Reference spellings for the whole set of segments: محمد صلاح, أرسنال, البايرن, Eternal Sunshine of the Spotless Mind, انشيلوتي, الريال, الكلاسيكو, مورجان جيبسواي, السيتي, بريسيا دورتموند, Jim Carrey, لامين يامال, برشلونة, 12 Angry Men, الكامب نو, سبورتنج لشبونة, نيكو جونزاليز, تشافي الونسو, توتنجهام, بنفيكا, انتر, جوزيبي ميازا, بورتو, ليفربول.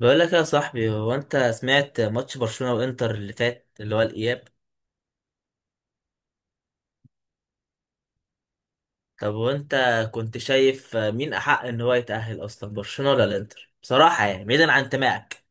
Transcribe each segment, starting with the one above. بقول لك يا صاحبي، هو انت سمعت ماتش برشلونة وانتر اللي فات اللي هو الاياب؟ طب وانت كنت شايف مين احق ان هو يتأهل اصلا، برشلونة ولا الانتر، بصراحة يعني بعيدا عن انتمائك؟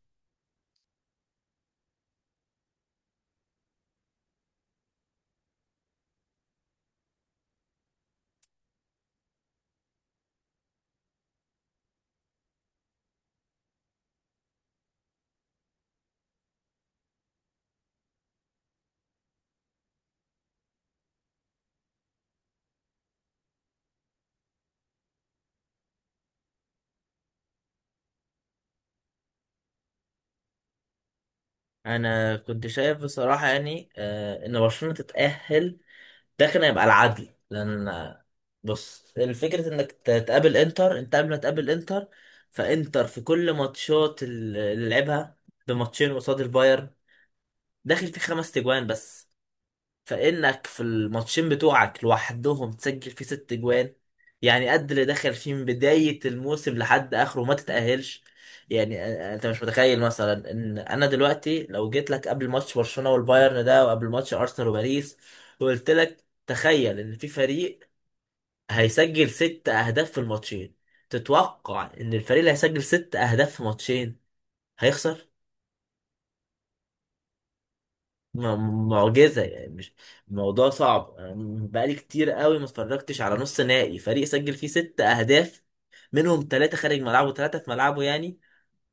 انا كنت شايف بصراحة يعني ان برشلونة تتأهل. ده كان هيبقى العدل لان بص، الفكرة انك تقابل انتر. انت قبل ما تقابل انتر، فانتر في كل ماتشات اللي لعبها بماتشين قصاد البايرن داخل في 5 تجوان بس، فإنك في الماتشين بتوعك لوحدهم تسجل فيه 6 جوان، يعني قد اللي دخل فيه من بداية الموسم لحد آخره ما تتأهلش. يعني أنت مش متخيل مثلا إن أنا دلوقتي لو جيت لك قبل ماتش برشلونة والبايرن ده وقبل ماتش أرسنال وباريس وقلت لك تخيل إن في فريق هيسجل 6 أهداف في الماتشين، تتوقع إن الفريق اللي هيسجل 6 أهداف في ماتشين هيخسر؟ معجزة يعني، مش الموضوع صعب. أنا بقالي كتير قوي ما اتفرجتش على نص نهائي فريق سجل فيه 6 أهداف، منهم ثلاثة خارج ملعبه وثلاثة في ملعبه يعني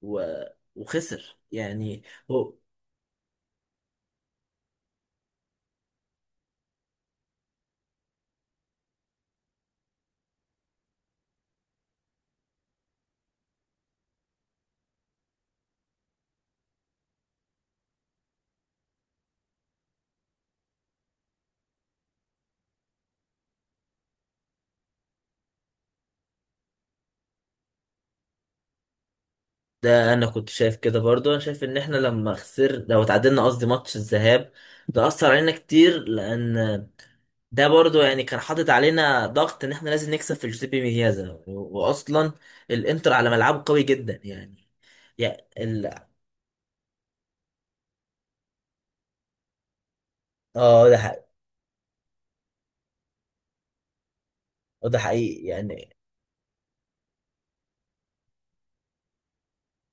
و... وخسر يعني. هو ده أنا كنت شايف كده برضو، أنا شايف إن إحنا لما خسر، لو اتعادلنا قصدي ماتش الذهاب، ده أثر علينا كتير، لأن ده برضو يعني كان حاطط علينا ضغط إن إحنا لازم نكسب في جوزيبي ميازا، وأصلا الإنتر على ملعبه قوي جدا يعني. يعني ال... اه، ده حقيقي. وده حقيقي يعني.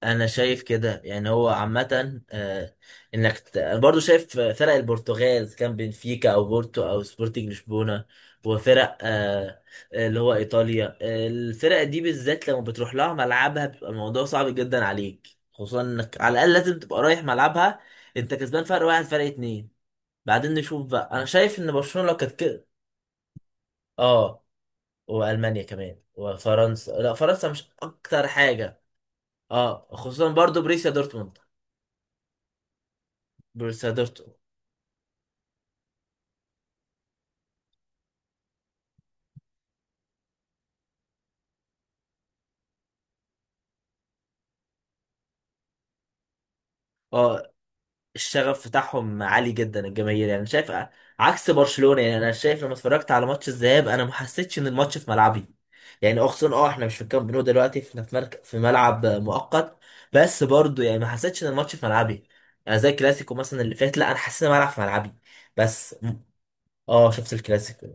انا شايف كده يعني، هو عامة أنا برضو شايف فرق البرتغال إذا كان بنفيكا او بورتو او سبورتنج لشبونة، وفرق اللي هو ايطاليا، الفرق دي بالذات لما بتروح لها ملعبها بيبقى الموضوع صعب جدا عليك، خصوصا انك على الاقل لازم تبقى رايح ملعبها انت كسبان فرق واحد فرق اتنين، بعدين نشوف بقى. انا شايف ان برشلونة لو كانت كده. اه، والمانيا كمان وفرنسا، لا فرنسا مش اكتر حاجة. اه، خصوصا برضو بريسيا دورتموند. بريسيا دورتموند. اه، الشغف بتاعهم عالي جدا، الجماهير يعني شايف عكس برشلونة. يعني انا شايف لما اتفرجت على ماتش الذهاب انا ما حسيتش ان الماتش في ملعبي، يعني اه، خصوصا اه، احنا مش في الكامب نو دلوقتي، احنا في مركز، في ملعب مؤقت، بس برضو يعني ما حسيتش ان الماتش في ملعبي، يعني زي الكلاسيكو مثلا اللي فات، لا، انا حسيت ان الملعب في ملعبي. بس م- اه، شفت الكلاسيكو.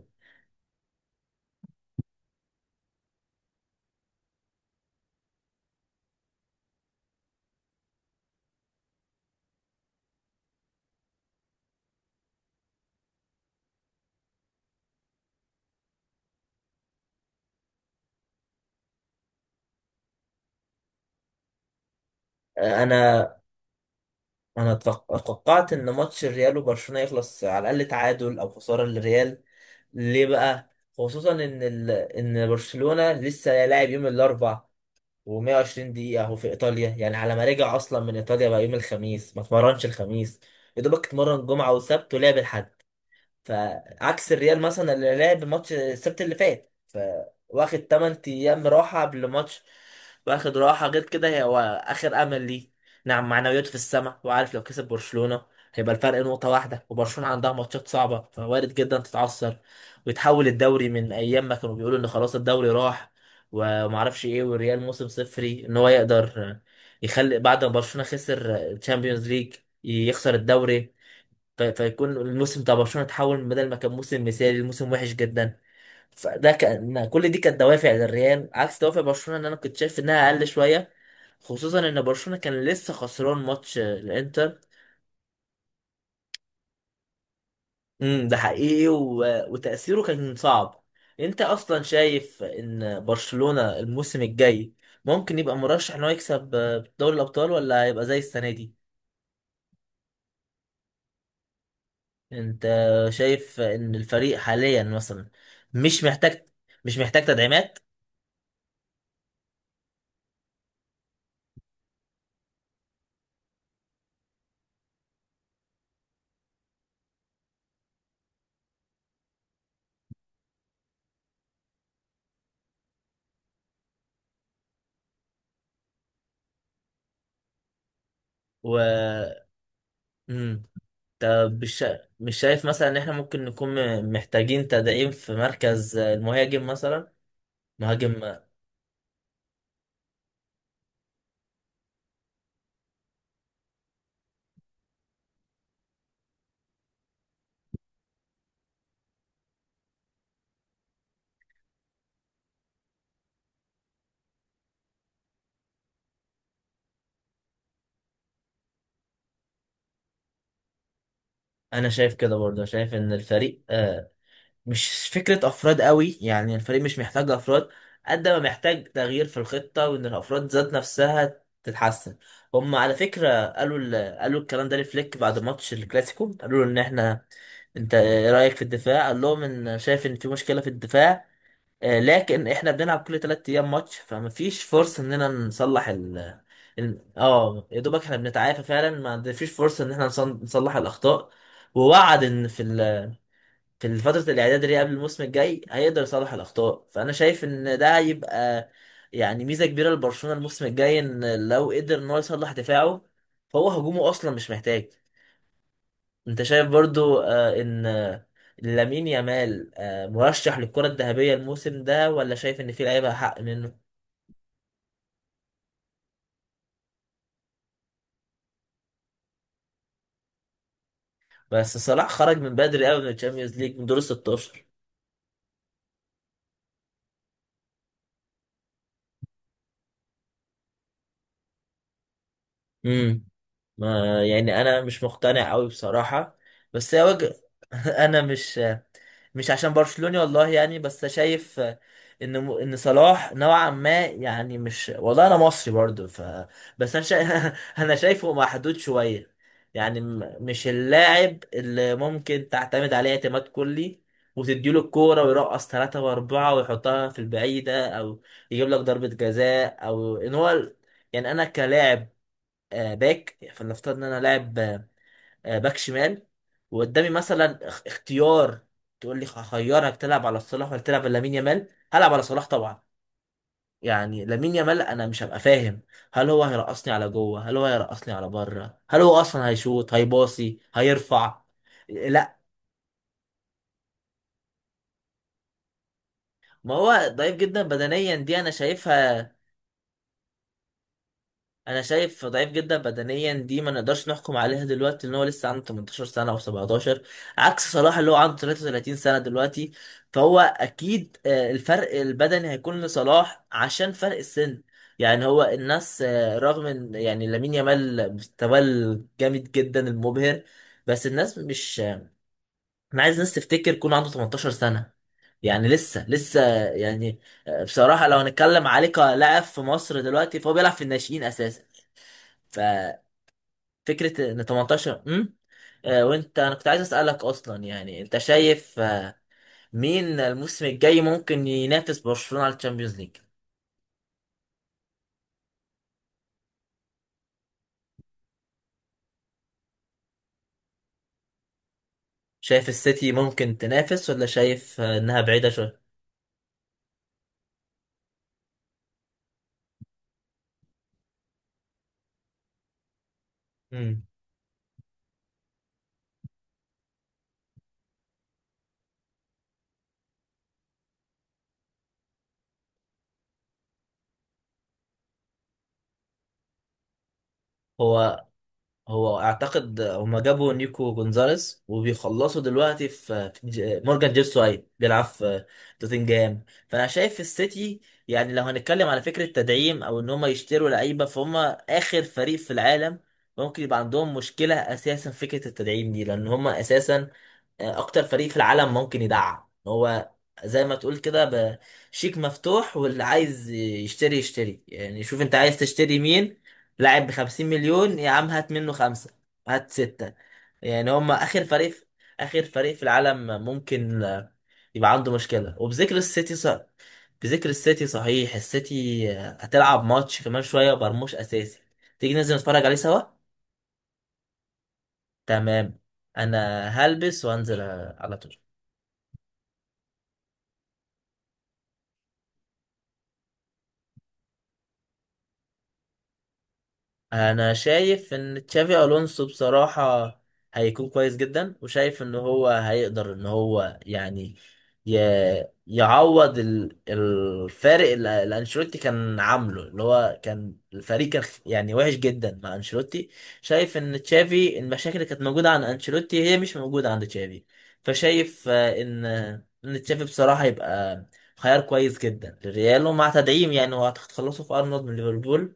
انا انا توقعت ان ماتش الريال وبرشلونة يخلص على الاقل تعادل او خسارة للريال. ليه بقى؟ خصوصا ان ان برشلونة لسه لاعب يوم الاربع و120 دقيقة هو في ايطاليا، يعني على ما رجع اصلا من ايطاليا بقى يوم الخميس، ما اتمرنش الخميس، يا دوبك اتمرن جمعة وسبت ولعب الحد، فعكس الريال مثلا اللي لعب ماتش السبت اللي فات فواخد 8 ايام راحه قبل الماتش، واخد راحه. غير كده هي هو اخر امل ليه، نعم، معنوياته في السماء، وعارف لو كسب برشلونه هيبقى الفرق نقطه واحده، وبرشلونه عندها ماتشات صعبه فوارد جدا تتعثر، ويتحول الدوري من ايام ما كانوا بيقولوا ان خلاص الدوري راح ومعرفش ايه، والريال موسم صفري، ان هو يقدر يخلي بعد ما برشلونه خسر الشامبيونز ليج يخسر الدوري، فيكون الموسم بتاع برشلونة اتحول بدل ما كان موسم مثالي لموسم وحش جدا. فده كان، كل دي كانت دوافع للريال عكس دوافع برشلونة، ان انا كنت شايف انها اقل شوية، خصوصا ان برشلونة كان لسه خسران ماتش الانتر. ده حقيقي وتأثيره كان صعب. انت اصلا شايف ان برشلونة الموسم الجاي ممكن يبقى مرشح ان هو يكسب دوري الابطال، ولا هيبقى زي السنة دي؟ انت شايف ان الفريق حاليا مثلا مش محتاج، تدعيمات و مم. طب مش مش شايف مثلا ان احنا ممكن نكون محتاجين تدعيم في مركز المهاجم مثلا، مهاجم. انا شايف كده برضه، شايف ان الفريق مش فكرة افراد قوي، يعني الفريق مش محتاج افراد قد ما محتاج تغيير في الخطة، وان الافراد ذات نفسها تتحسن. هم على فكرة قالوا قالوا الكلام ده لفليك بعد ماتش الكلاسيكو، قالوا له ان احنا، انت ايه رايك في الدفاع؟ قال لهم ان شايف ان في مشكله في الدفاع لكن احنا بنلعب كل 3 ايام ماتش، فمفيش فرصه اننا نصلح اه، يا دوبك احنا بنتعافى فعلا، ما فيش فرصه ان احنا نصلح الاخطاء، ووعد ان في في فتره الاعداد اللي هي قبل الموسم الجاي هيقدر يصلح الاخطاء. فانا شايف ان ده هيبقى يعني ميزه كبيره لبرشلونه الموسم الجاي، ان لو قدر ان هو يصلح دفاعه فهو هجومه اصلا مش محتاج. انت شايف برضو آه، ان آه، لامين يامال مرشح للكرة الذهبية الموسم ده، ولا شايف ان في لعيبة حق منه؟ بس صلاح خرج من بدري قوي من الشامبيونز ليج من دور ال 16. امم ما يعني انا مش مقتنع قوي بصراحة. بس هي وجه. انا مش مش عشان برشلوني والله يعني، بس شايف ان ان صلاح نوعا ما يعني، مش والله انا مصري برضو، ف بس انا انا شايفه محدود شويه، يعني مش اللاعب اللي ممكن تعتمد عليه اعتماد كلي، وتديله الكوره ويرقص ثلاثة وأربعة ويحطها في البعيدة أو يجيب لك ضربة جزاء، أو إن هو يعني أنا كلاعب باك، فلنفترض إن أنا لاعب باك شمال، وقدامي مثلا اختيار، تقول لي هخيرك تلعب على صلاح ولا تلعب على لامين يامال، هلعب على صلاح طبعا. يعني لامين يامال انا مش هبقى فاهم هل هو هيرقصني على جوه، هل هو هيرقصني على بره، هل هو اصلا هيشوط هيباصي هيرفع. لا، ما هو ضعيف جدا بدنيا دي انا شايفها، انا شايف ضعيف جدا بدنيا دي ما نقدرش نحكم عليها دلوقتي، ان هو لسه عنده 18 سنه او 17، عكس صلاح اللي هو عنده 33 سنه دلوقتي، فهو اكيد الفرق البدني هيكون لصلاح عشان فرق السن. يعني هو الناس رغم ان يعني لامين يامال مستواه جامد جدا المبهر، بس الناس مش انا عايز الناس تفتكر يكون عنده 18 سنه، يعني لسه لسه يعني بصراحه لو هنتكلم عليه كلاعب في مصر دلوقتي فهو بيلعب في الناشئين اساسا، ففكرة ان 18 وانت، انا كنت عايز اسألك اصلا يعني، انت شايف مين الموسم الجاي ممكن ينافس برشلونة على الشامبيونز ليج؟ شايف السيتي ممكن تنافس، ولا شايف انها بعيدة شوية؟ مم. هو هو اعتقد هما جابوا نيكو جونزاليز وبيخلصوا دلوقتي في مورجان جيبسواي بيلعب في توتنجهام، فانا شايف في السيتي، يعني لو هنتكلم على فكره تدعيم او ان هما يشتروا لعيبه، فهم اخر فريق في العالم ممكن يبقى عندهم مشكله اساسا في فكره التدعيم دي، لان هما اساسا اكتر فريق في العالم ممكن يدعم، هو زي ما تقول كده شيك مفتوح، واللي عايز يشتري يشتري، يعني شوف انت عايز تشتري مين، لاعب بخمسين مليون يا عم هات منه خمسة، هات ستة. يعني هم آخر فريق، آخر فريق في العالم ممكن يبقى عنده مشكلة. وبذكر السيتي صح، بذكر السيتي صحيح، السيتي هتلعب ماتش كمان شوية ومرموش أساسي، تيجي ننزل نتفرج عليه سوا؟ تمام، أنا هلبس وأنزل على طول. انا شايف ان تشافي الونسو بصراحة هيكون كويس جدا، وشايف ان هو هيقدر ان هو يعني ي... يعوض الفارق اللي انشيلوتي كان عامله، اللي هو كان الفريق كان يعني وحش جدا مع انشيلوتي. شايف ان تشافي المشاكل اللي كانت موجودة عند انشيلوتي هي مش موجودة عند تشافي، فشايف ان تشافي بصراحة يبقى خيار كويس جدا للريال، ومع تدعيم، يعني هو هتخلصوا في ارنولد من ليفربول.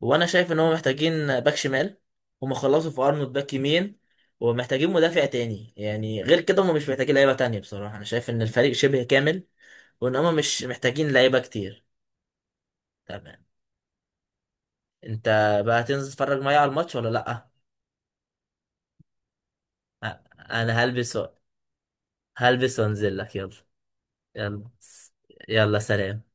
وانا شايف ان هم محتاجين باك شمال، هم خلصوا في ارنولد باك يمين، ومحتاجين مدافع تاني، يعني غير كده هم مش محتاجين لعيبه تانية بصراحه، انا شايف ان الفريق شبه كامل وان هم مش محتاجين لعيبه كتير. تمام. انت بقى هتنزل تتفرج معايا على الماتش ولا لا؟ أ- انا هلبس هلبس وانزل لك، يلا. يلا، يلا سلام.